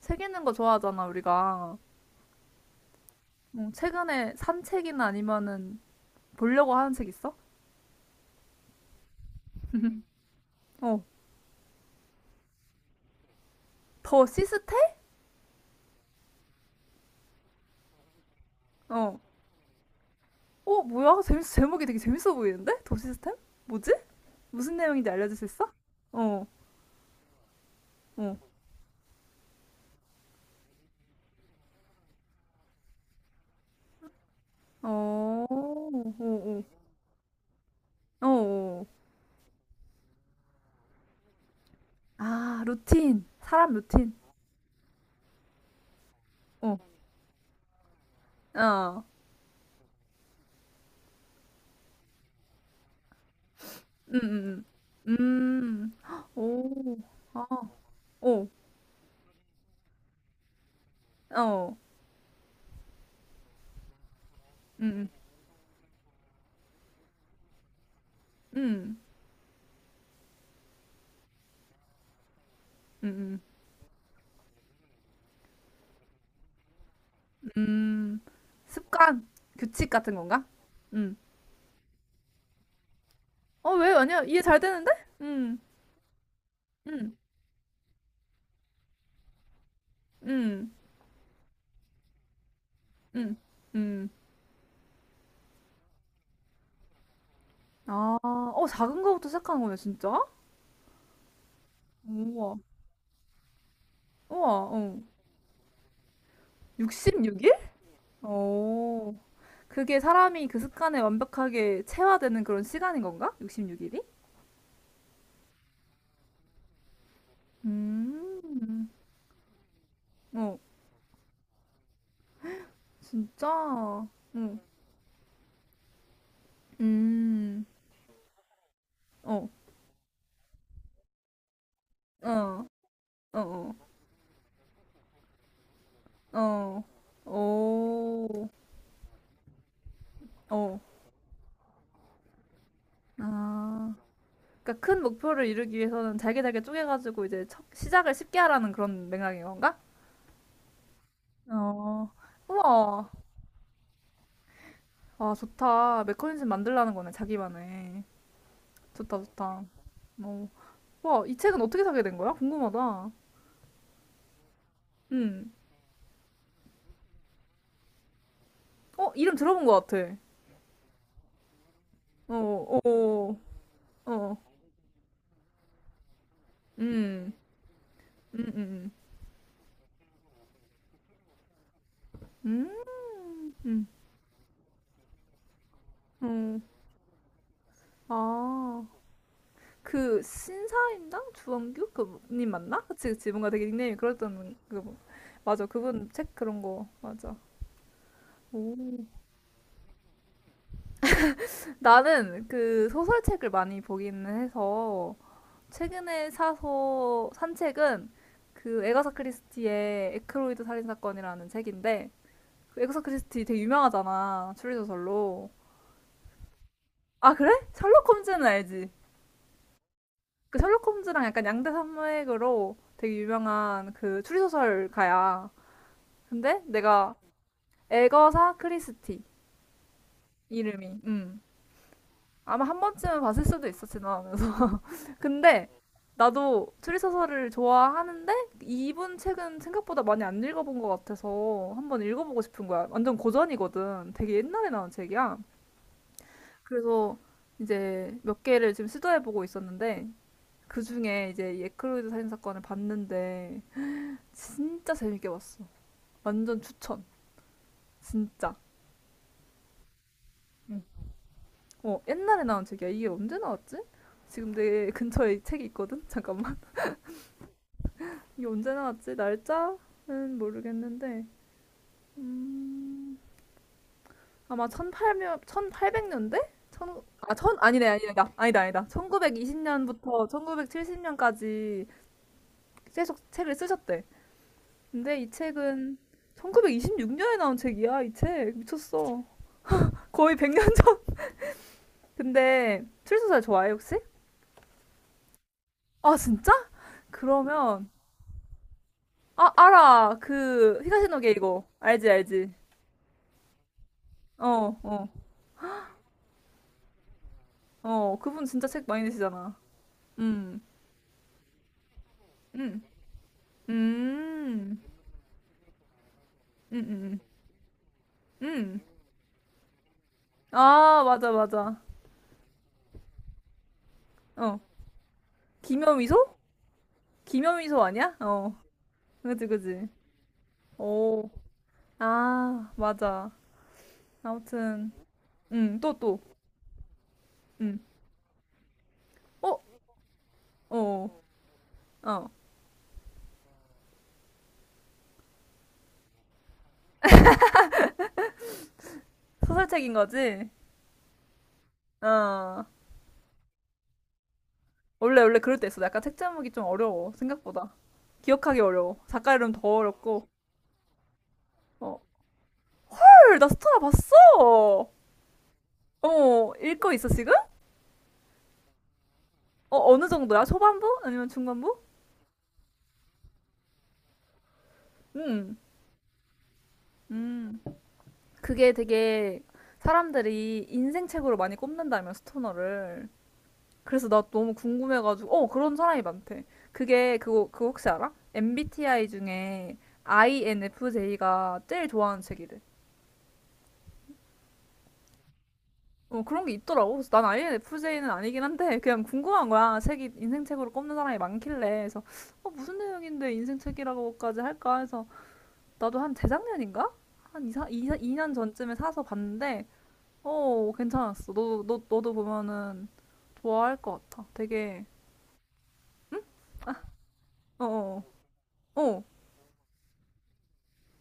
책 읽는 거 좋아하잖아, 우리가. 응, 최근에 산 책이나 아니면은 보려고 하는 책 있어? 어, 더 시스템? 어. 어, 뭐야? 제목이 되게 재밌어 보이는데? 더 시스템? 뭐지? 무슨 내용인지 알려줄 수 있어? 어, 어, 어, 어, 어, 어, 어. 아, 루틴. 사람 루틴. 어, 어, 음, 음, 음, 음, 오, 아, 오, 어, 음, 음, 음, 음, 음. 음, 습관, 규칙 같은 건가? 음. 어, 왜? 아니야. 이해 잘 되는데? 음, 음, 음, 음, 음. 아, 어, 작은 거부터 시작하는 거네, 진짜? 우와, 우와, 어. 66일? 오. 그게 사람이 그 습관에 완벽하게 체화되는 그런 시간인 건가? 66일이? 음, 어, 진짜? 응, 음, 어, 어, 어, 어, 어, 오, 어, 아, 그러니까 큰 목표를 이루기 위해서는 잘게 잘게 쪼개가지고 이제 시작을 쉽게 하라는 그런 맥락인 건가? 어, 우와, 아 좋다. 메커니즘 만들라는 거네 자기만의. 좋다 좋다. 어, 와, 이 책은 어떻게 사게 된 거야? 궁금하다. 음, 어 이름 들어본 것 같아. 어, 어, 어, 음, 음, 음, 음, 음, 음, 어, 아. 그 신사임당 주원규 그님 맞나? 그치 그치 뭔가 되게 닉네임이 그랬던. 맞아 그분 책 그런 거 맞아. 오. 나는 그 소설책을 많이 보기는 해서 최근에 사서 산 책은 그 에가사 크리스티의 에크로이드 살인 사건이라는 책인데 그 에가사 크리스티 되게 유명하잖아 추리소설로. 아 그래? 셜록 홈즈는 알지? 그 셜록 홈즈랑 약간 양대 산맥으로 되게 유명한 그 추리소설가야. 근데 내가 에거사 크리스티 이름이 아마 한 번쯤은 봤을 수도 있어 지나가면서 근데 나도 추리소설을 좋아하는데 이분 책은 생각보다 많이 안 읽어본 것 같아서 한번 읽어보고 싶은 거야 완전 고전이거든 되게 옛날에 나온 책이야 그래서 이제 몇 개를 지금 시도해보고 있었는데 그 중에 이제 이 에크로이드 살인 사건을 봤는데 진짜 재밌게 봤어 완전 추천 진짜 어, 옛날에 나온 책이야. 이게 언제 나왔지? 지금 내 근처에 이 책이 있거든? 잠깐만. 이게 언제 나왔지? 날짜는 모르겠는데. 아마 1800, 팔백 년대 천, 아, 천, 아니네, 아니다. 아니다, 아니다. 1920년부터 1970년까지 계속 책을 쓰셨대. 근데 이 책은 1926년에 나온 책이야, 이 책. 미쳤어. 거의 100년 전. 근데 출소설 좋아해, 혹시? 아, 진짜? 그러면 아, 알아. 그, 히가시노게 이거. 알지, 알지. 어, 어, 어. 그분 진짜 책 많이 내시잖아. 음, 음, 음, 음, 음, 음. 아, 맞아, 맞아. 어. 김여미소? 김여미소 아니야? 어. 그지, 그지. 오. 아, 맞아. 아무튼, 또, 또. 음. 어, 어, 어. 소설책인 거지? 어. 원래 원래 그럴 때 있어. 약간 책 제목이 좀 어려워. 생각보다. 기억하기 어려워. 작가 이름 더 어렵고. 어. 헐, 나 스토나 봤어. 어, 읽고 있어 지금? 어, 어느 정도야? 초반부? 아니면 중반부? 음. 음. 그게 되게 사람들이 인생 책으로 많이 꼽는다면 스토너를. 그래서 나 너무 궁금해가지고. 어, 그런 사람이 많대. 그게 그거 그거 혹시 알아? MBTI 중에 INFJ가 제일 좋아하는 책이래. 어, 그런 게 있더라고. 그래서 난 INFJ는 아니긴 한데, 그냥 궁금한 거야. 책이, 인생책으로 꼽는 사람이 많길래. 그래서, 어, 무슨 내용인데 인생책이라고까지 할까 해서, 나도 한 재작년인가? 한 이이 년 전쯤에 사서 봤는데, 어, 괜찮았어. 너도 보면은 좋아할 것 같아. 되게, 어, 어, 어,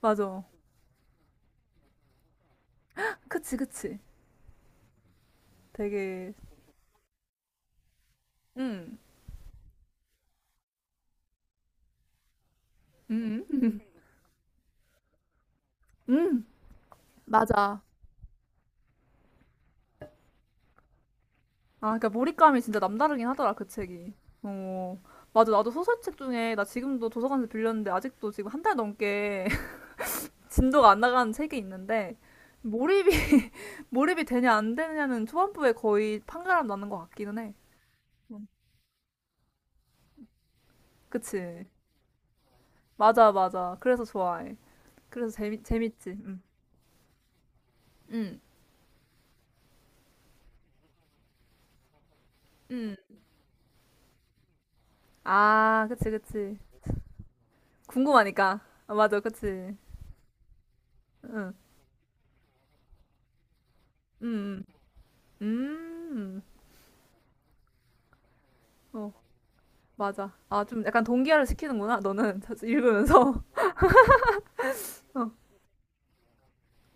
맞아. 그치, 그치. 되게, 음, 음, 음, 맞아. 아, 그러니까 몰입감이 진짜 남다르긴 하더라, 그 책이. 어, 맞아. 나도 소설책 중에, 나 지금도 도서관에서 빌렸는데, 아직도 지금 한 달 넘게 진도가 안 나가는 책이 있는데, 몰입이, 몰입이 되냐, 안 되냐는 초반부에 거의 판가름 나는 것 같기는 해. 그치? 맞아, 맞아. 그래서 좋아해. 그래서 재밌지. 응. 응, 응. 아, 그치, 그치. 궁금하니까. 아, 맞아, 그치. 응, 응, 응. 어. 맞아. 아, 좀 약간 동기화를 시키는구나, 너는. 자주 읽으면서. 어.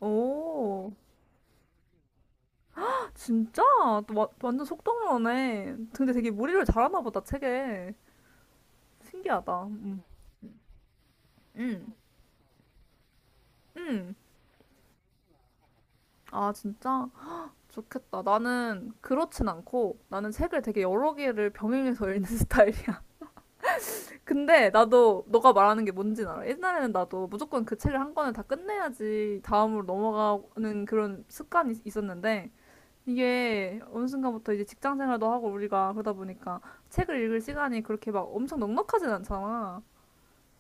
오, 진짜? 또 완전 속독러네. 근데 되게 무리를 잘하나 보다, 책에. 신기하다. 음. 음. 음. 아, 진짜? 좋겠다. 나는 그렇진 않고, 나는 책을 되게 여러 개를 병행해서 읽는 스타일이야. 근데 나도 너가 말하는 게 뭔진 알아. 옛날에는 나도 무조건 그 책을 한 권을 다 끝내야지 다음으로 넘어가는 그런 습관이 있었는데, 이게 어느 순간부터 이제 직장 생활도 하고 우리가 그러다 보니까 책을 읽을 시간이 그렇게 막 엄청 넉넉하진 않잖아.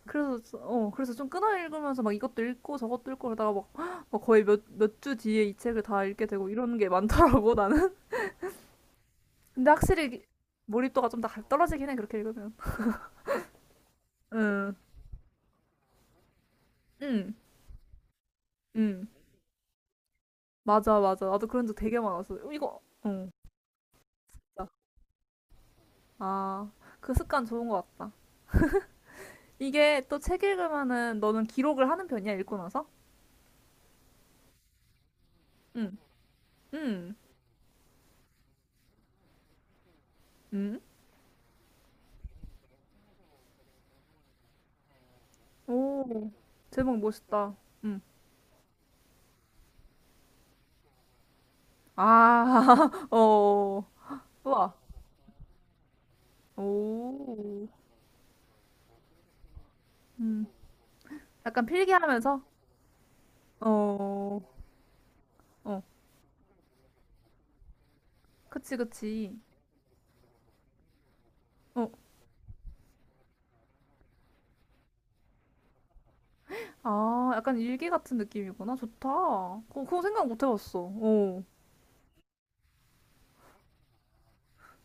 그래서 그래서 좀 끊어 읽으면서 막 이것도 읽고 저것도 읽고 그러다가 막, 막 거의 몇 주 뒤에 이 책을 다 읽게 되고 이런 게 많더라고 나는. 근데 확실히 몰입도가 좀 다 떨어지긴 해 그렇게 읽으면. 응, 응, 응. 맞아 맞아. 나도 그런 적 되게 많았어. 어, 이거 어. 진짜. 아, 그 습관 좋은 것 같다. 이게 또 책 읽으면은 너는 기록을 하는 편이야 읽고 나서? 응. 음, 음, 오, 제목 멋있다. 음, 아, 어, 우와, 오, 음, 약간 필기하면서, 어, 어, 그치, 그치. 어, 아, 약간 일기 같은 느낌이구나. 좋다. 어, 그거 생각 못 해봤어. 어,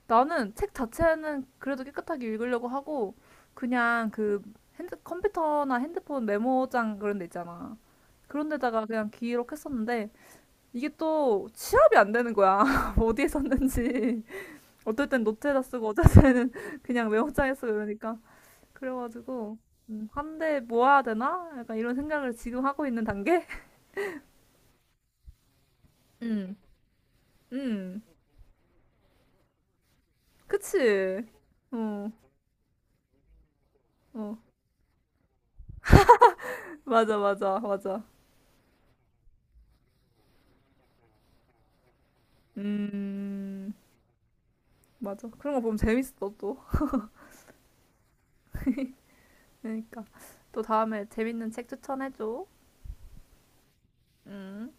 나는 책 자체는 그래도 깨끗하게 읽으려고 하고, 그냥 컴퓨터나 핸드폰 메모장 그런 데 있잖아. 그런 데다가 그냥 기록했었는데, 이게 또 취합이 안 되는 거야. 어디에 썼는지. 어떨 땐 노트에다 쓰고, 어떨 때는 그냥 메모장에 쓰고 이러니까. 그래가지고, 한 대 모아야 되나? 약간 이런 생각을 지금 하고 있는 단계? 음, 음. 그치? 어, 어. 맞아, 맞아, 맞아. 음, 맞아. 그런 거 보면 재밌어, 또. 그러니까. 또 다음에 재밌는 책 추천해줘. 음.